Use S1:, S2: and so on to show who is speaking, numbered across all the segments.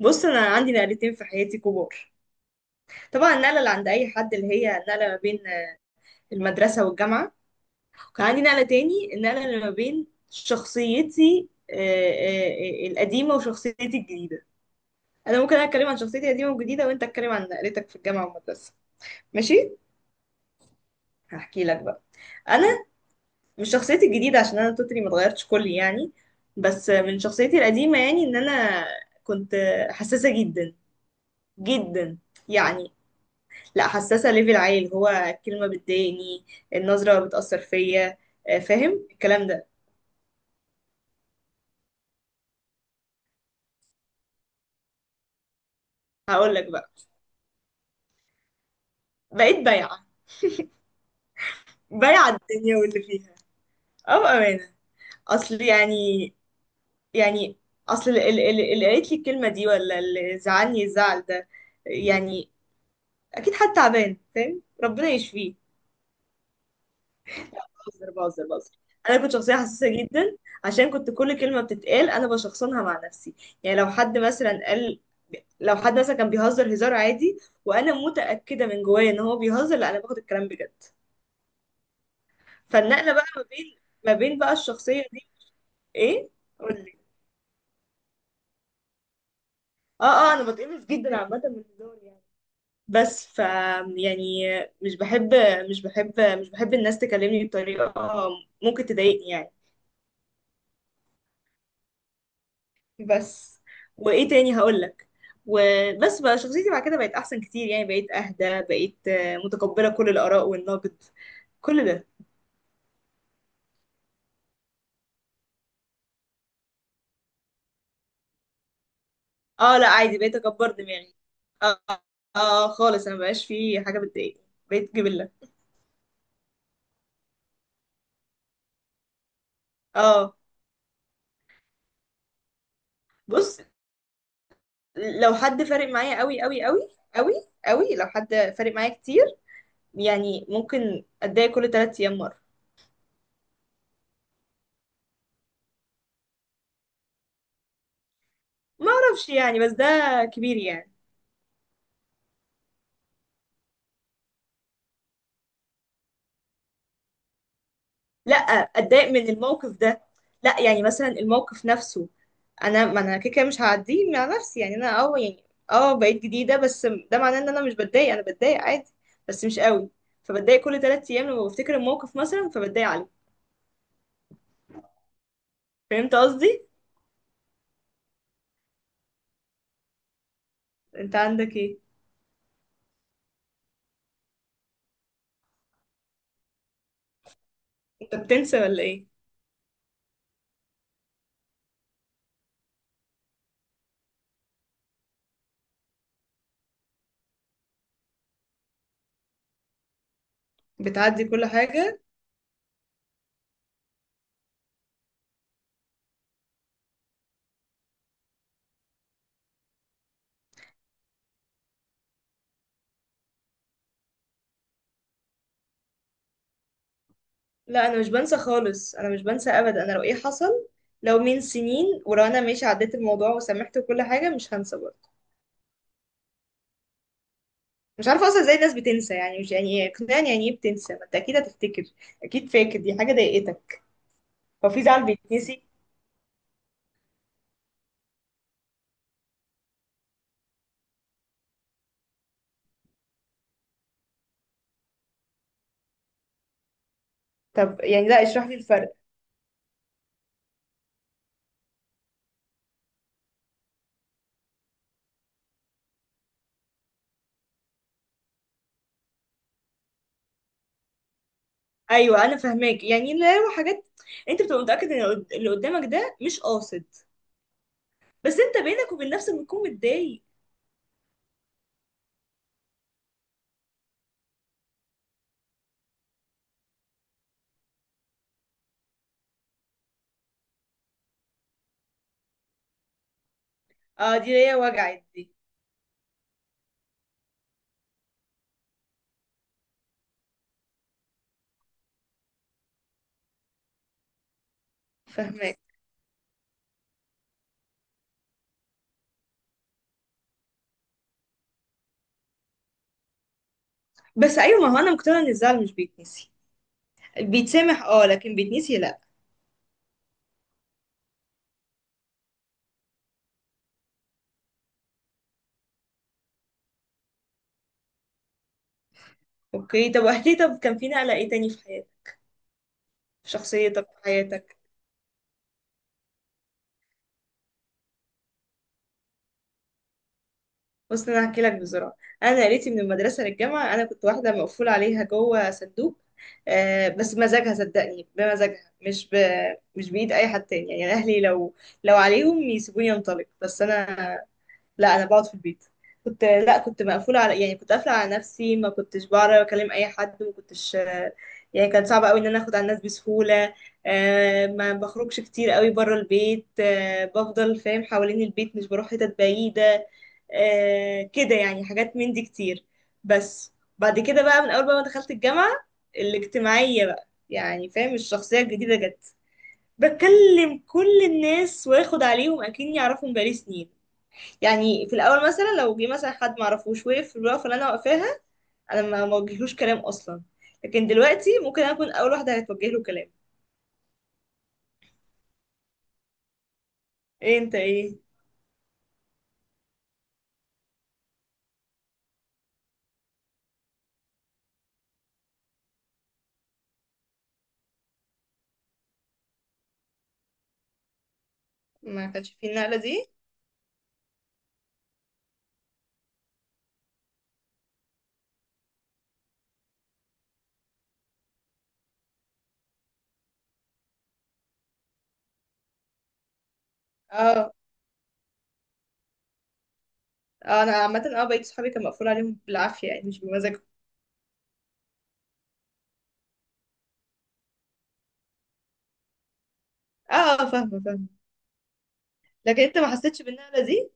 S1: بص انا عندي نقلتين في حياتي كبار. طبعا النقله اللي عند اي حد اللي هي النقله ما بين المدرسه والجامعه، وكان عندي نقله تاني، النقله اللي ما بين شخصيتي القديمه وشخصيتي الجديده. انا ممكن اتكلم عن شخصيتي القديمه والجديده وانت اتكلم عن نقلتك في الجامعه والمدرسه. ماشي، هحكي لك بقى. انا مش شخصيتي الجديده عشان انا توتالي ما اتغيرتش كلي يعني، بس من شخصيتي القديمه، يعني ان انا كنت حساسه جدا جدا يعني، لا حساسة ليفل عالي، اللي هو الكلمة بتضايقني، النظرة بتأثر فيا. فاهم الكلام ده؟ هقول لك بقى. بقيت بايعة، بايعة الدنيا واللي فيها. اه بأمانة، اصل يعني، يعني اصل اللي قالت لي الكلمة دي ولا اللي زعلني الزعل ده، يعني اكيد حد تعبان، فاهم؟ ربنا يشفيه. بهزر بهزر بهزر. انا كنت شخصيه حساسه جدا عشان كنت كل كلمه بتتقال انا بشخصنها مع نفسي. يعني لو حد مثلا قال، لو حد مثلا كان بيهزر هزار عادي وانا متاكده من جوايا ان هو بيهزر، لا انا باخد الكلام بجد. فالنقله بقى ما بين، بقى الشخصيه دي. ايه؟ قولي. اه اه، انا بتقمص جدا عامه من الهزار يعني. بس ف، يعني، مش بحب، مش بحب الناس تكلمني بطريقه ممكن تضايقني يعني. بس، وايه تاني هقول لك؟ وبس بقى شخصيتي بعد كده بقت احسن كتير يعني، بقيت اهدى، بقيت متقبله كل الاراء والنقد، كل ده. اه لا عادي، بقيت اكبر دماغي. اه، اه خالص، انا مبقاش في حاجه بتضايقني، بقيت جبله. اه. بص، لو حد فارق معايا قوي قوي قوي قوي قوي، لو حد فارق معايا كتير، يعني ممكن اتضايق كل ثلاث ايام مره. ما اعرفش يعني، بس ده كبير يعني. لا، اتضايق من الموقف ده، لا يعني مثلا الموقف نفسه انا، ما انا كده كده مش هعديه مع نفسي يعني. انا اه يعني، اه بقيت جديده، بس ده معناه ان انا مش بتضايق؟ انا بتضايق عادي بس مش قوي. فبتضايق كل ثلاث ايام لما بفتكر الموقف مثلا فبتضايق عليه. فهمت قصدي؟ انت عندك ايه؟ انت بتنسى ولا ايه؟ بتعدي كل حاجه؟ لا انا مش بنسى خالص، انا مش بنسى ابدا. انا لو ايه حصل، لو من سنين، ولو انا ماشي عديت الموضوع وسامحت وكل حاجه، مش هنسى برضه. مش عارفه اصلا ازاي الناس بتنسى يعني، مش يعني ايه؟ اقنعني يعني ايه بتنسى؟ ما انت اكيد هتفتكر، اكيد فاكر دي حاجه ضايقتك. هو في زعل بيتنسي؟ طب يعني لا اشرح لي الفرق. ايوه انا فاهماك، يعني لا هو حاجات. انت بتبقى متاكد ان اللي قدامك ده مش قاصد، بس انت بينك وبين نفسك بتكون متضايق. اه دي هي، وجعت دي. فاهماك. بس ايوه، ما هو انا مقتنعه ان الزعل مش بيتنسي، بيتسامح اه لكن بيتنسي لا. اوكي، طب واحكي، طب كان في نقله ايه تاني في حياتك؟ في شخصيتك، في حياتك. بص انا هحكي لك بسرعه. انا قريتي من المدرسه للجامعه، انا كنت واحده مقفول عليها جوه صندوق، آه بس مزاجها، صدقني بمزاجها، مش بايد اي حد تاني يعني. اهلي لو، لو عليهم يسيبوني انطلق، بس انا لا، انا بقعد في البيت. كنت، لا كنت مقفوله على، يعني كنت قافله على نفسي، ما كنتش بعرف اكلم اي حد، ما كنتش، يعني كان صعب قوي ان انا اخد على الناس بسهوله. ما بخرجش كتير قوي بره البيت، بفضل فاهم حوالين البيت، مش بروح حتت بعيده، كده يعني، حاجات من دي كتير. بس بعد كده بقى، من اول بقى ما دخلت الجامعه، الاجتماعيه بقى يعني، فاهم؟ الشخصيه الجديده جت، بكلم كل الناس واخد عليهم اكني اعرفهم بقالي سنين. يعني في الاول مثلا لو جه مثلا حد معرفوش وقف في الوقفه اللي انا واقفاها، انا ما موجهلوش كلام اصلا، لكن دلوقتي ممكن انا اكون اول واحده هتوجه له كلام. ايه؟ انت ايه؟ ما كانش في النقله دي؟ اه، انا عامه اه بقيت صحابي كان مقفول عليهم بالعافيه يعني، مش بمزاجهم. اه، فاهمه فاهمه. لكن انت ما حسيتش بالنقله دي.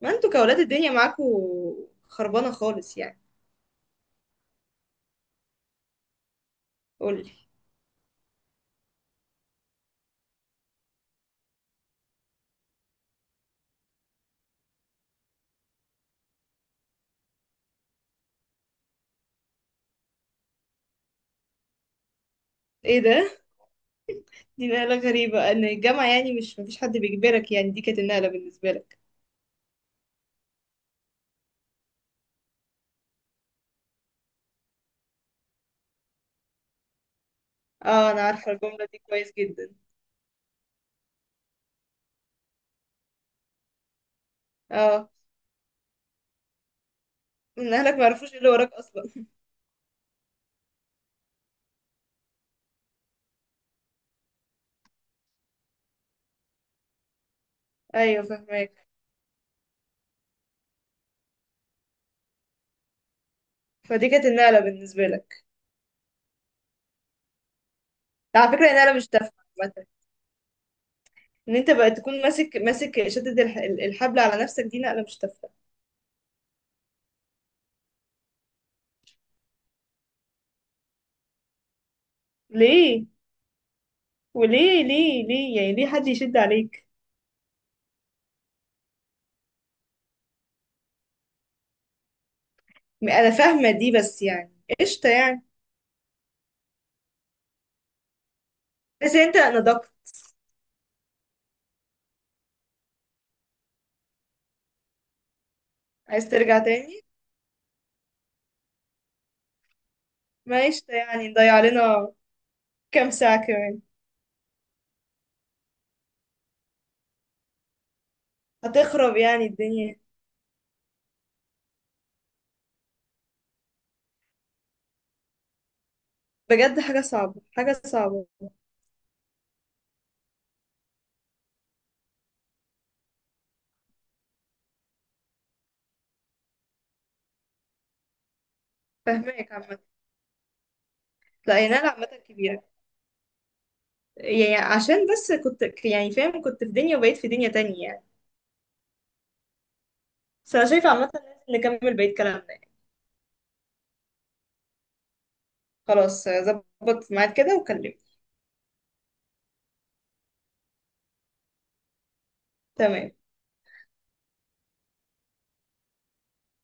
S1: ما انتوا كاولاد الدنيا معاكوا خربانه خالص يعني. قولي. ايه ده؟ دي نقله غريبه، ان الجامعه يعني مش مفيش حد بيجبرك، يعني دي كانت النقله بالنسبه لك. اه انا عارفه الجمله دي كويس جدا. اه، ان اهلك ما يعرفوش ايه اللي وراك اصلا. ايوه فاهماك. فدي كانت النقله بالنسبه لك. على فكره النقله مش تافهه عامه، ان انت بقى تكون ماسك، شدد الحبل على نفسك، دي نقله مش تافهه. ليه؟ وليه ليه ليه يعني ليه حد يشد عليك؟ انا فاهمه دي، بس يعني قشطه يعني. بس انت نضجت. عايز ترجع تاني؟ ما قشطه يعني، نضيع لنا كام ساعه كمان. هتخرب يعني الدنيا؟ بجد حاجه صعبه، حاجه صعبه. فاهماك عامه. لا هي نقله عامه كبيره، يعني عشان بس كنت يعني فاهم، كنت في دنيا وبقيت في دنيا تانية يعني. بس انا شايفة عامة لازم نكمل بقية كلامنا يعني. خلاص ظبط معاك كده وكلمني. تمام.